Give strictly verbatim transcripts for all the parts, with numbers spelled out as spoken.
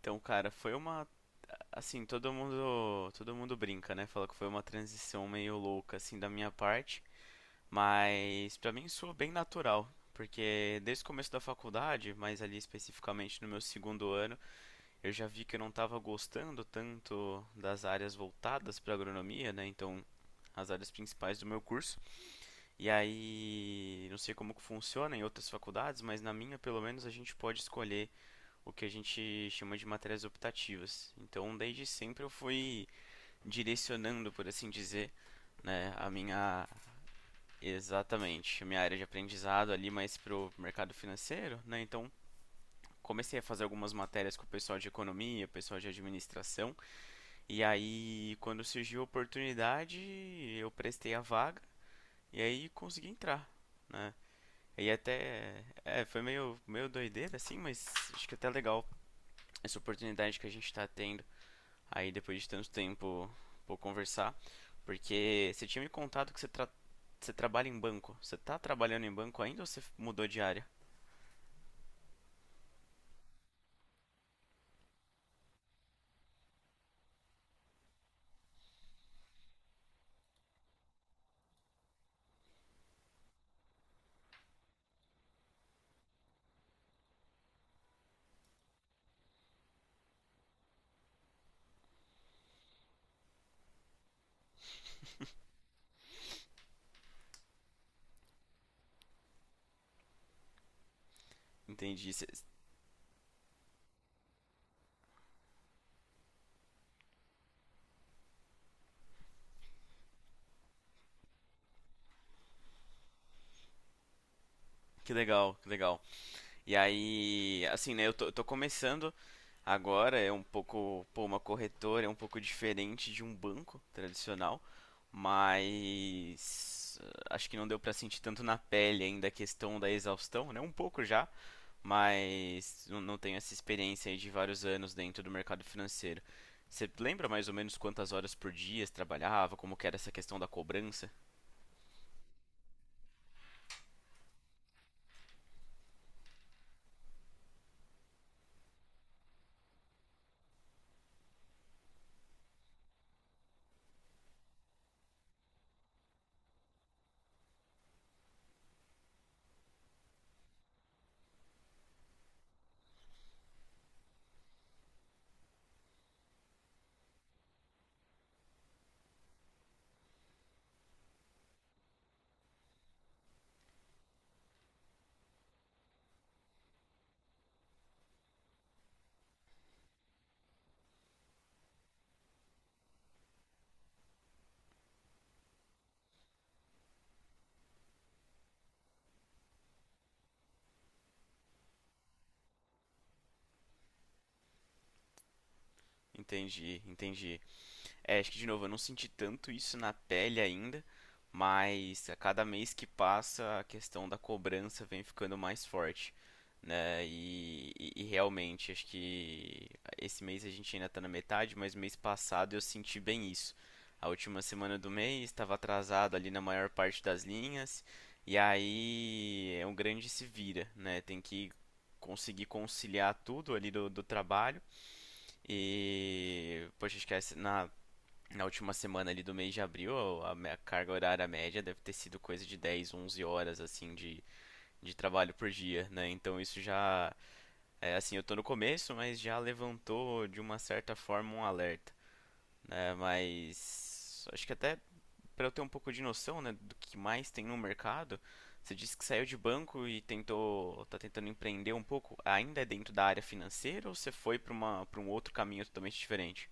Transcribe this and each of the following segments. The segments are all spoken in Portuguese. Então, cara, foi uma. Assim, todo mundo, todo mundo brinca, né? Fala que foi uma transição meio louca, assim, da minha parte. Mas pra mim soa bem natural. Porque desde o começo da faculdade, mas ali especificamente no meu segundo ano, eu já vi que eu não estava gostando tanto das áreas voltadas para agronomia, né? Então, as áreas principais do meu curso. E aí, não sei como que funciona em outras faculdades, mas na minha, pelo menos, a gente pode escolher o que a gente chama de matérias optativas. Então, desde sempre eu fui direcionando, por assim dizer, né, a minha exatamente, a minha área de aprendizado ali mais pro mercado financeiro, né? Então, comecei a fazer algumas matérias com o pessoal de economia, pessoal de administração, e aí quando surgiu a oportunidade, eu prestei a vaga e aí consegui entrar, né? E até é, foi meio meio doideira assim, mas acho que é até legal essa oportunidade que a gente está tendo aí depois de tanto tempo por conversar, porque você tinha me contado que você, tra você trabalha em banco. Você tá trabalhando em banco ainda ou você mudou de área? Entendi. Você- Que legal, que legal. E aí, assim, né, eu tô, eu tô começando agora, é um pouco, pô, uma corretora é um pouco diferente de um banco tradicional, mas eh, acho que não deu pra sentir tanto na pele ainda a questão da exaustão, né? Um pouco já, mas não não tenho essa experiência aí de vários anos dentro do mercado financeiro. Você lembra mais ou menos quantas horas por dia você trabalhava, como que era essa questão da cobrança? Entendi, entendi. É, acho que de novo, eu não senti tanto isso na pele ainda, mas a cada mês que passa a questão da cobrança vem ficando mais forte, né? E, e- e realmente, acho que esse mês a gente ainda está na metade, mas mês passado eu senti bem isso. A última semana do mês estava atrasado ali na maior parte das linhas, e aí é um grande se vira, né? Tem que conseguir conciliar tudo ali do, do trabalho. E, poxa, acho que essa- na, na última semana ali do mês de abril, a minha carga horária média deve ter sido coisa de dez onze horas, assim, de, de trabalho por dia, né? Então isso já, é, assim, eu tô no começo, mas já levantou de uma certa forma um alerta, né? Mas acho que até para eu ter um pouco de noção, né, do que mais tem no mercado, você disse que saiu de banco e tentou, tá tentando empreender um pouco, ainda é dentro da área financeira ou você foi para uma, para um outro caminho totalmente diferente?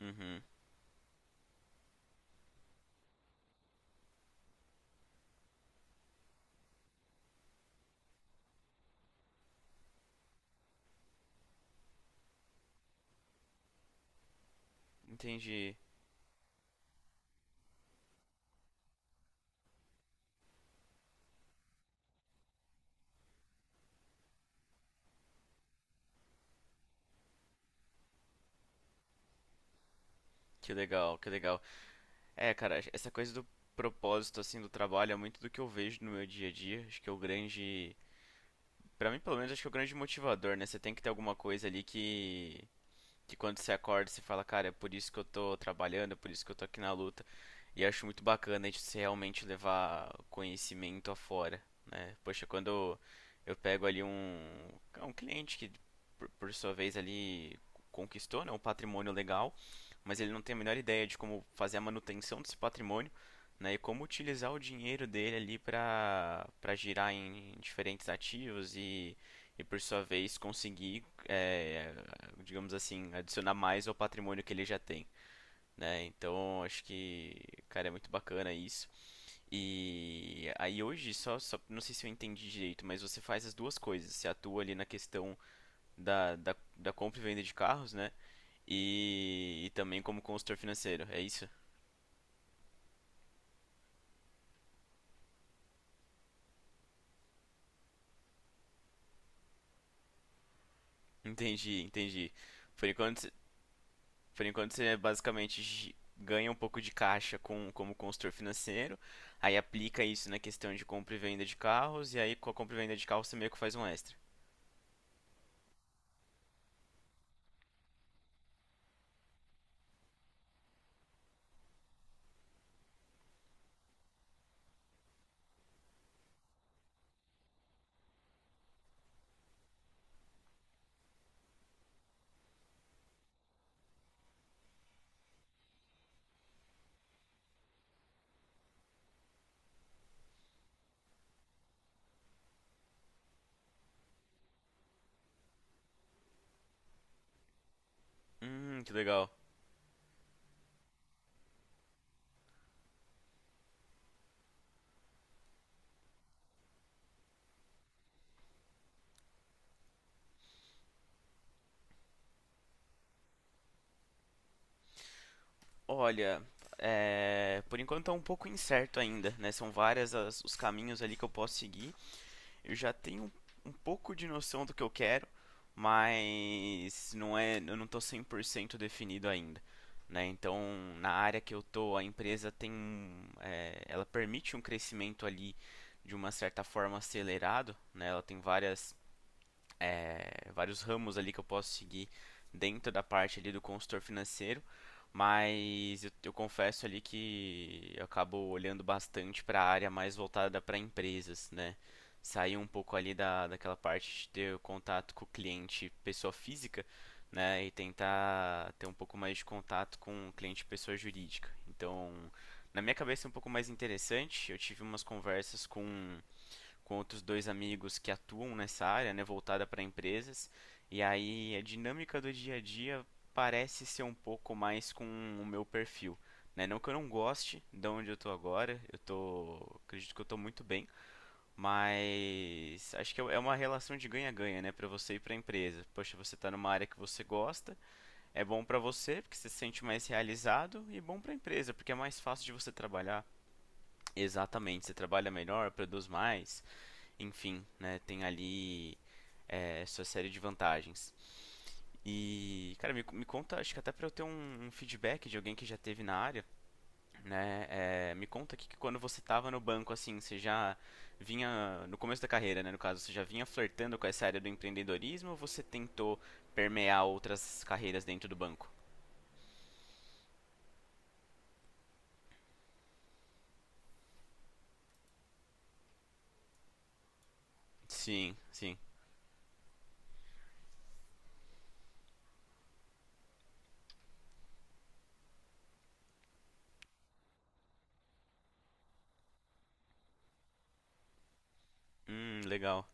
Uhum, entendi. Que legal, que legal. É, cara, essa coisa do propósito, assim, do trabalho é muito do que eu vejo no meu dia a dia. Acho que é o grande. Pra mim, pelo menos, acho que é o grande motivador, né? Você tem que ter alguma coisa ali que que quando você acorda você fala, cara, é por isso que eu tô trabalhando, é por isso que eu tô aqui na luta. E acho muito bacana a gente se realmente levar conhecimento afora, né? Poxa, quando eu pego ali um, um cliente que, por, por sua vez, ali conquistou, né, um patrimônio legal, mas ele não tem a menor ideia de como fazer a manutenção desse patrimônio, né, e como utilizar o dinheiro dele ali para para girar em diferentes ativos e, e por sua vez conseguir é, digamos assim, adicionar mais ao patrimônio que ele já tem. Né? Então acho que, cara, é muito bacana isso. E aí hoje, só, só não sei se eu entendi direito, mas você faz as duas coisas. Você atua ali na questão da, da, da compra e venda de carros, né? E, e também como consultor financeiro, é isso? Entendi, entendi. Por enquanto, Por enquanto você basicamente gi- ganha um pouco de caixa com, como consultor financeiro, aí aplica isso na questão de compra e venda de carros, e aí com a compra e venda de carros você meio que faz um extra. Hum, que legal. Olha, é, por enquanto tá um pouco incerto ainda, né? São várias as- os caminhos ali que eu posso seguir. Eu já tenho um pouco de noção do que eu quero, mas não é, eu não estou cem por cento definido ainda, né? Então, na área que eu tô, a empresa tem, um, é, ela permite um crescimento ali de uma certa forma acelerado, né? Ela tem várias é, vários ramos ali que eu posso seguir dentro da parte ali do consultor financeiro, mas eu, eu confesso ali que eu acabo olhando bastante para a área mais voltada para empresas, né? Sair um pouco ali da, daquela parte de ter contato com o cliente pessoa física, né? E tentar ter um pouco mais de contato com o cliente pessoa jurídica. Então, na minha cabeça é um pouco mais interessante. Eu tive umas conversas com com outros dois amigos que atuam nessa área, né, voltada para empresas. E aí a dinâmica do dia a dia parece ser um pouco mais com o meu perfil. Né? Não que eu não goste de onde eu tô agora, eu tô. Acredito que eu tô muito bem, mas acho que é uma relação de ganha-ganha, né? Para você e para a empresa. Poxa, você tá numa área que você gosta, é bom para você, porque você se sente mais realizado, e bom para a empresa, porque é mais fácil de você trabalhar. Exatamente, você trabalha melhor, produz mais, enfim, né, tem ali é, sua série de vantagens. E, cara, me, me conta, acho que até para eu ter um, um feedback de alguém que já teve na área, né, é, me conta aqui que quando você tava no banco, assim, você já vinha, no começo da carreira, né, no caso, você já vinha flertando com essa área do empreendedorismo ou você tentou permear outras carreiras dentro do banco? Sim, sim. Hum, legal.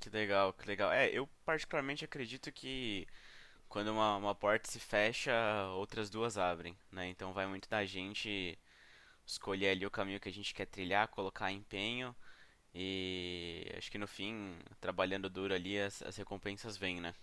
Que legal, que legal. É, eu particularmente acredito que quando uma, uma porta se fecha, outras duas abrem, né? Então vai muito da gente escolher ali o caminho que a gente quer trilhar, colocar empenho e acho que no fim, trabalhando duro ali, as, as recompensas vêm, né?